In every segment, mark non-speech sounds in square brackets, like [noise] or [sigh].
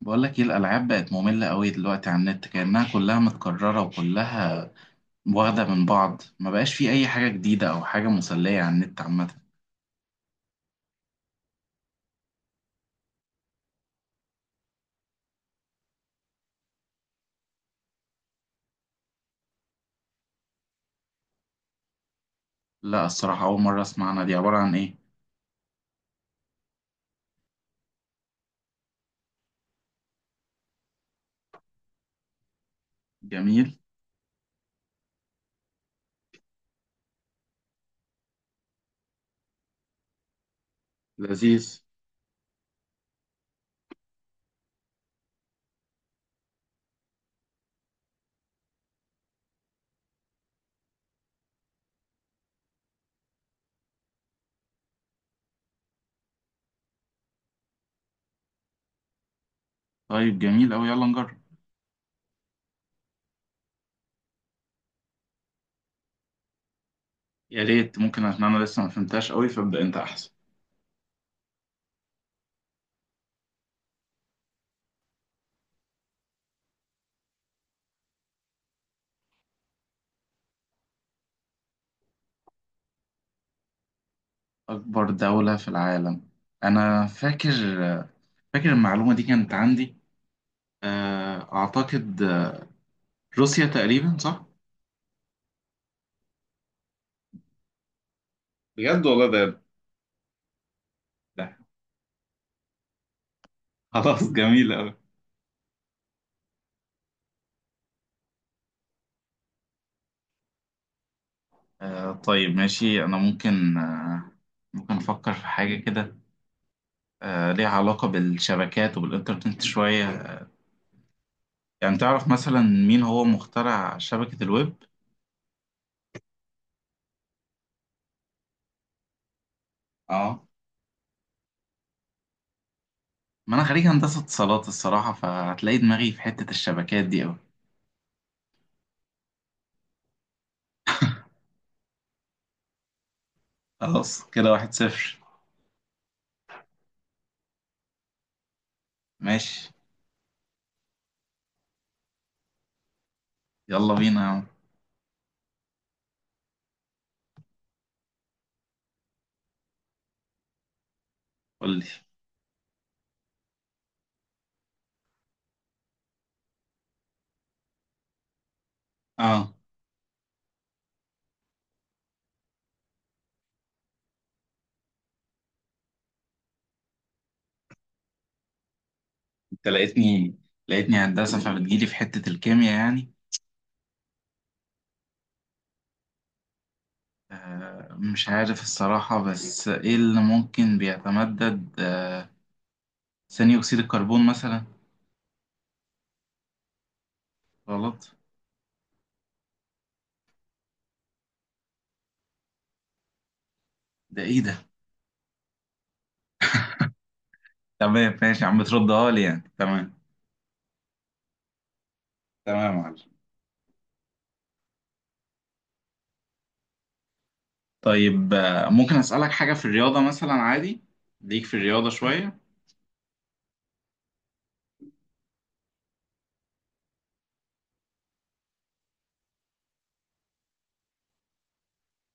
بقول لك ايه، الالعاب بقت ممله قوي دلوقتي على النت، كانها كلها متكرره وكلها واخده من بعض. ما بقاش في اي حاجه جديده او حاجه مسليه على النت عامه. لا الصراحه، اول مره اسمع عنها. دي عباره عن ايه؟ جميل. لذيذ. طيب جميل قوي، يلا نجرب. يا ريت، ممكن عشان انا لسه ما فهمتهاش قوي، فابدا انت احسن. اكبر دوله في العالم. انا فاكر. فاكر المعلومه دي كانت عندي. اعتقد روسيا تقريبا، صح؟ بجد والله ده. ده خلاص جميل قوي. آه طيب ماشي، أنا ممكن آه ممكن أفكر في حاجة كده. آه ليها علاقة بالشبكات وبالإنترنت شوية. يعني تعرف مثلا مين هو مخترع شبكة الويب؟ اه. ما أنا خريج هندسة اتصالات الصراحة، فهتلاقي دماغي في حتة الشبكات دي أوي. خلاص كده واحد صفر. ماشي، يلا بينا يا عم. قول لي. اه. أنت لقيتني، لقيتني هندسة، فبتجيلي في حتة الكيمياء يعني. آه مش عارف الصراحة، بس إيه اللي ممكن بيتمدد؟ آه ثاني أكسيد الكربون مثلا. غلط؟ ده إيه ده؟ تمام ماشي يا عم، بتردها لي يعني، تمام. تمام يا معلم. طيب ممكن أسألك حاجة في الرياضة مثلا، عادي. ليك في الرياضة شوية.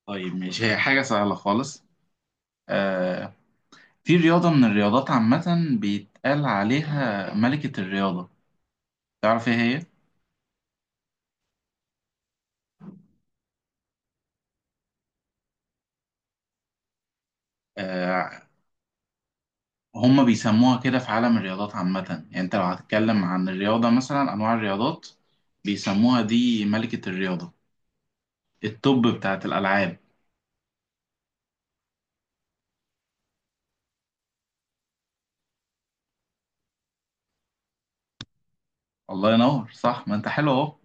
طيب ماشي، هي حاجة سهلة خالص. آه في رياضة من الرياضات عامة بيتقال عليها ملكة الرياضة، تعرف إيه هي؟ آه هم بيسموها كده في عالم الرياضات عامة. يعني أنت لو هتتكلم عن الرياضة مثلا، أنواع الرياضات، بيسموها دي ملكة الرياضة، التوب بتاعت الألعاب. الله ينور، صح. ما انت حلو اهو.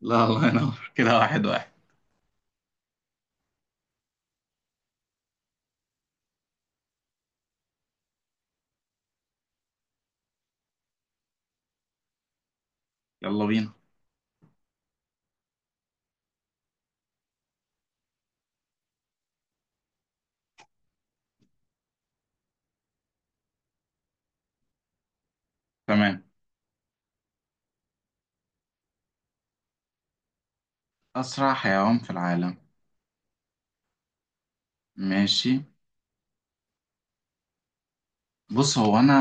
لا الله ينور [laughs] كده واحد واحد. يلا بينا. تمام. اسرع حيوان في العالم. ماشي. بص هو انا،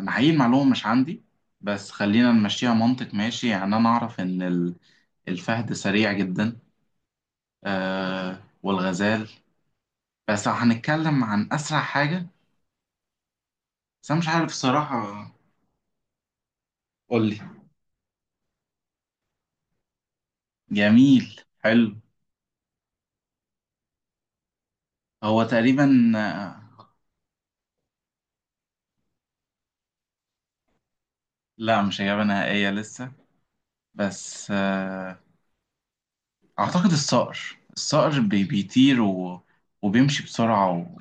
انا حقيقي المعلومه مش عندي، بس خلينا نمشيها منطق ماشي. يعني انا اعرف ان ال- الفهد سريع جدا. آه والغزال. بس لو هنتكلم عن اسرع حاجه. بس انا مش عارف الصراحه. قول لي. جميل حلو. هو تقريبا لا، مش اجابه نهائيه لسه. بس آه أعتقد الصقر. الصقر بيطير و وبيمشي بسرعة و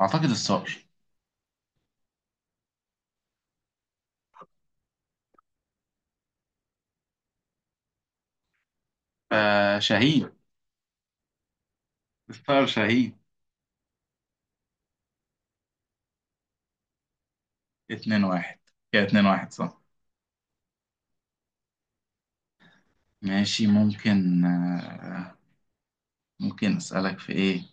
أعتقد الصقر. آه شهيد. الصقر شهيد. اتنين واحد. كده اتنين واحد صح. ماشي ممكن آه ممكن أسألك في إيه.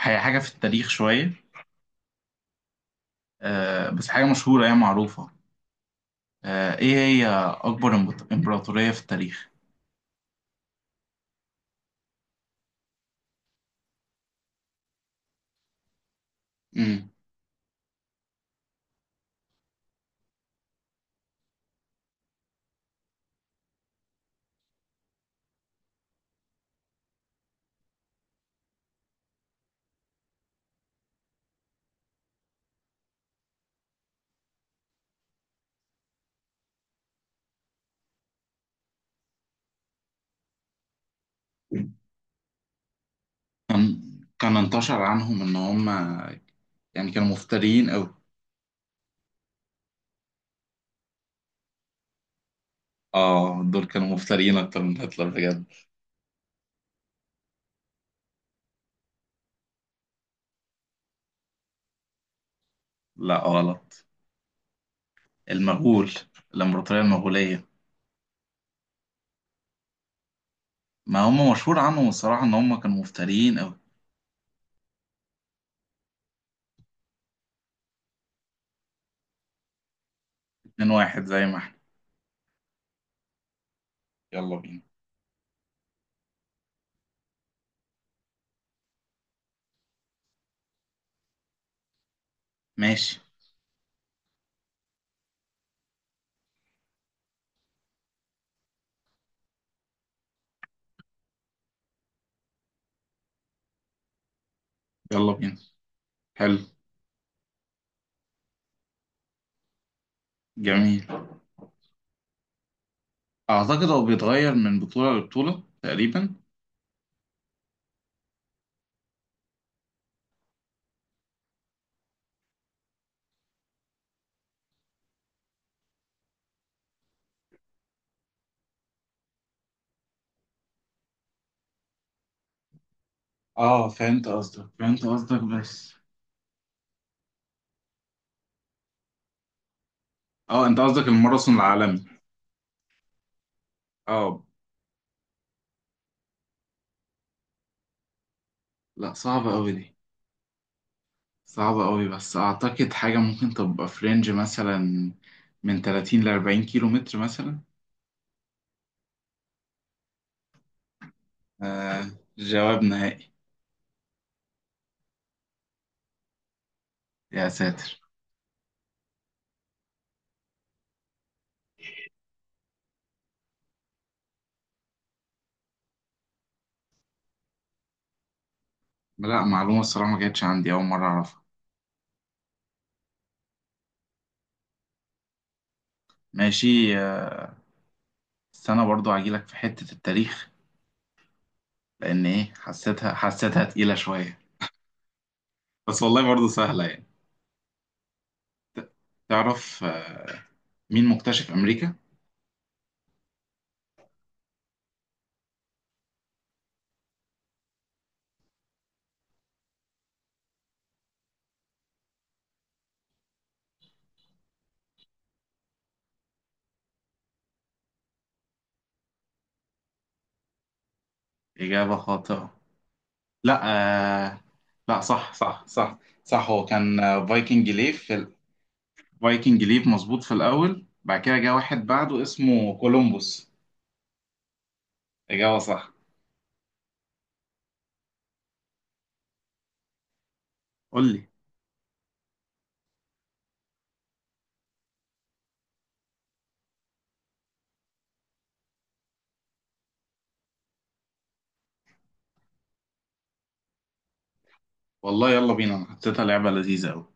هي حاجة في التاريخ شوية، آه بس حاجة مشهورة هي معروفة. آه إيه هي؟ أكبر إمبراطورية في التاريخ؟ مم. كان، كان انتشر عنهم إن هم يعني كانوا مفترين أوي. آه دول كانوا مفترين أكتر من هتلر بجد. لا غلط. المغول. الإمبراطورية المغولية. ما هم مشهور عنهم الصراحة إن هم كانوا مفتريين أوي. اتنين واحد زي ما احنا. يلا بينا. ماشي. يلا بينا. حلو. جميل. أعتقد هو بيتغير من بطولة لبطولة تقريبا. اه فهمت قصدك، فهمت قصدك، بس اه انت قصدك الماراثون العالمي. اه. لا صعبة أوي دي، صعبة أوي. بس أعتقد حاجة ممكن تبقى في رينج مثلا من 30 ل 40 كيلو متر مثلا. آه جواب نهائي. يا ساتر. لا، معلومة الصراحة ما كانتش عندي، أول مرة أعرفها. ماشي بس أنا برضو هجيلك في حتة التاريخ، لأن إيه، حسيتها، حسيتها تقيلة شوية. بس والله برضو سهلة يعني. ت- تعرف مين مكتشف أمريكا؟ إجابة خاطئة. لا آه، لا صح صح صح. صح هو كان آه، فايكنج ليف في ال- فايكنج ليف مظبوط في الأول، بعد كده جه واحد بعده اسمه كولومبوس. إجابة صح. قول لي. والله يلا بينا، أنا حطيتها لعبة لذيذة أوي.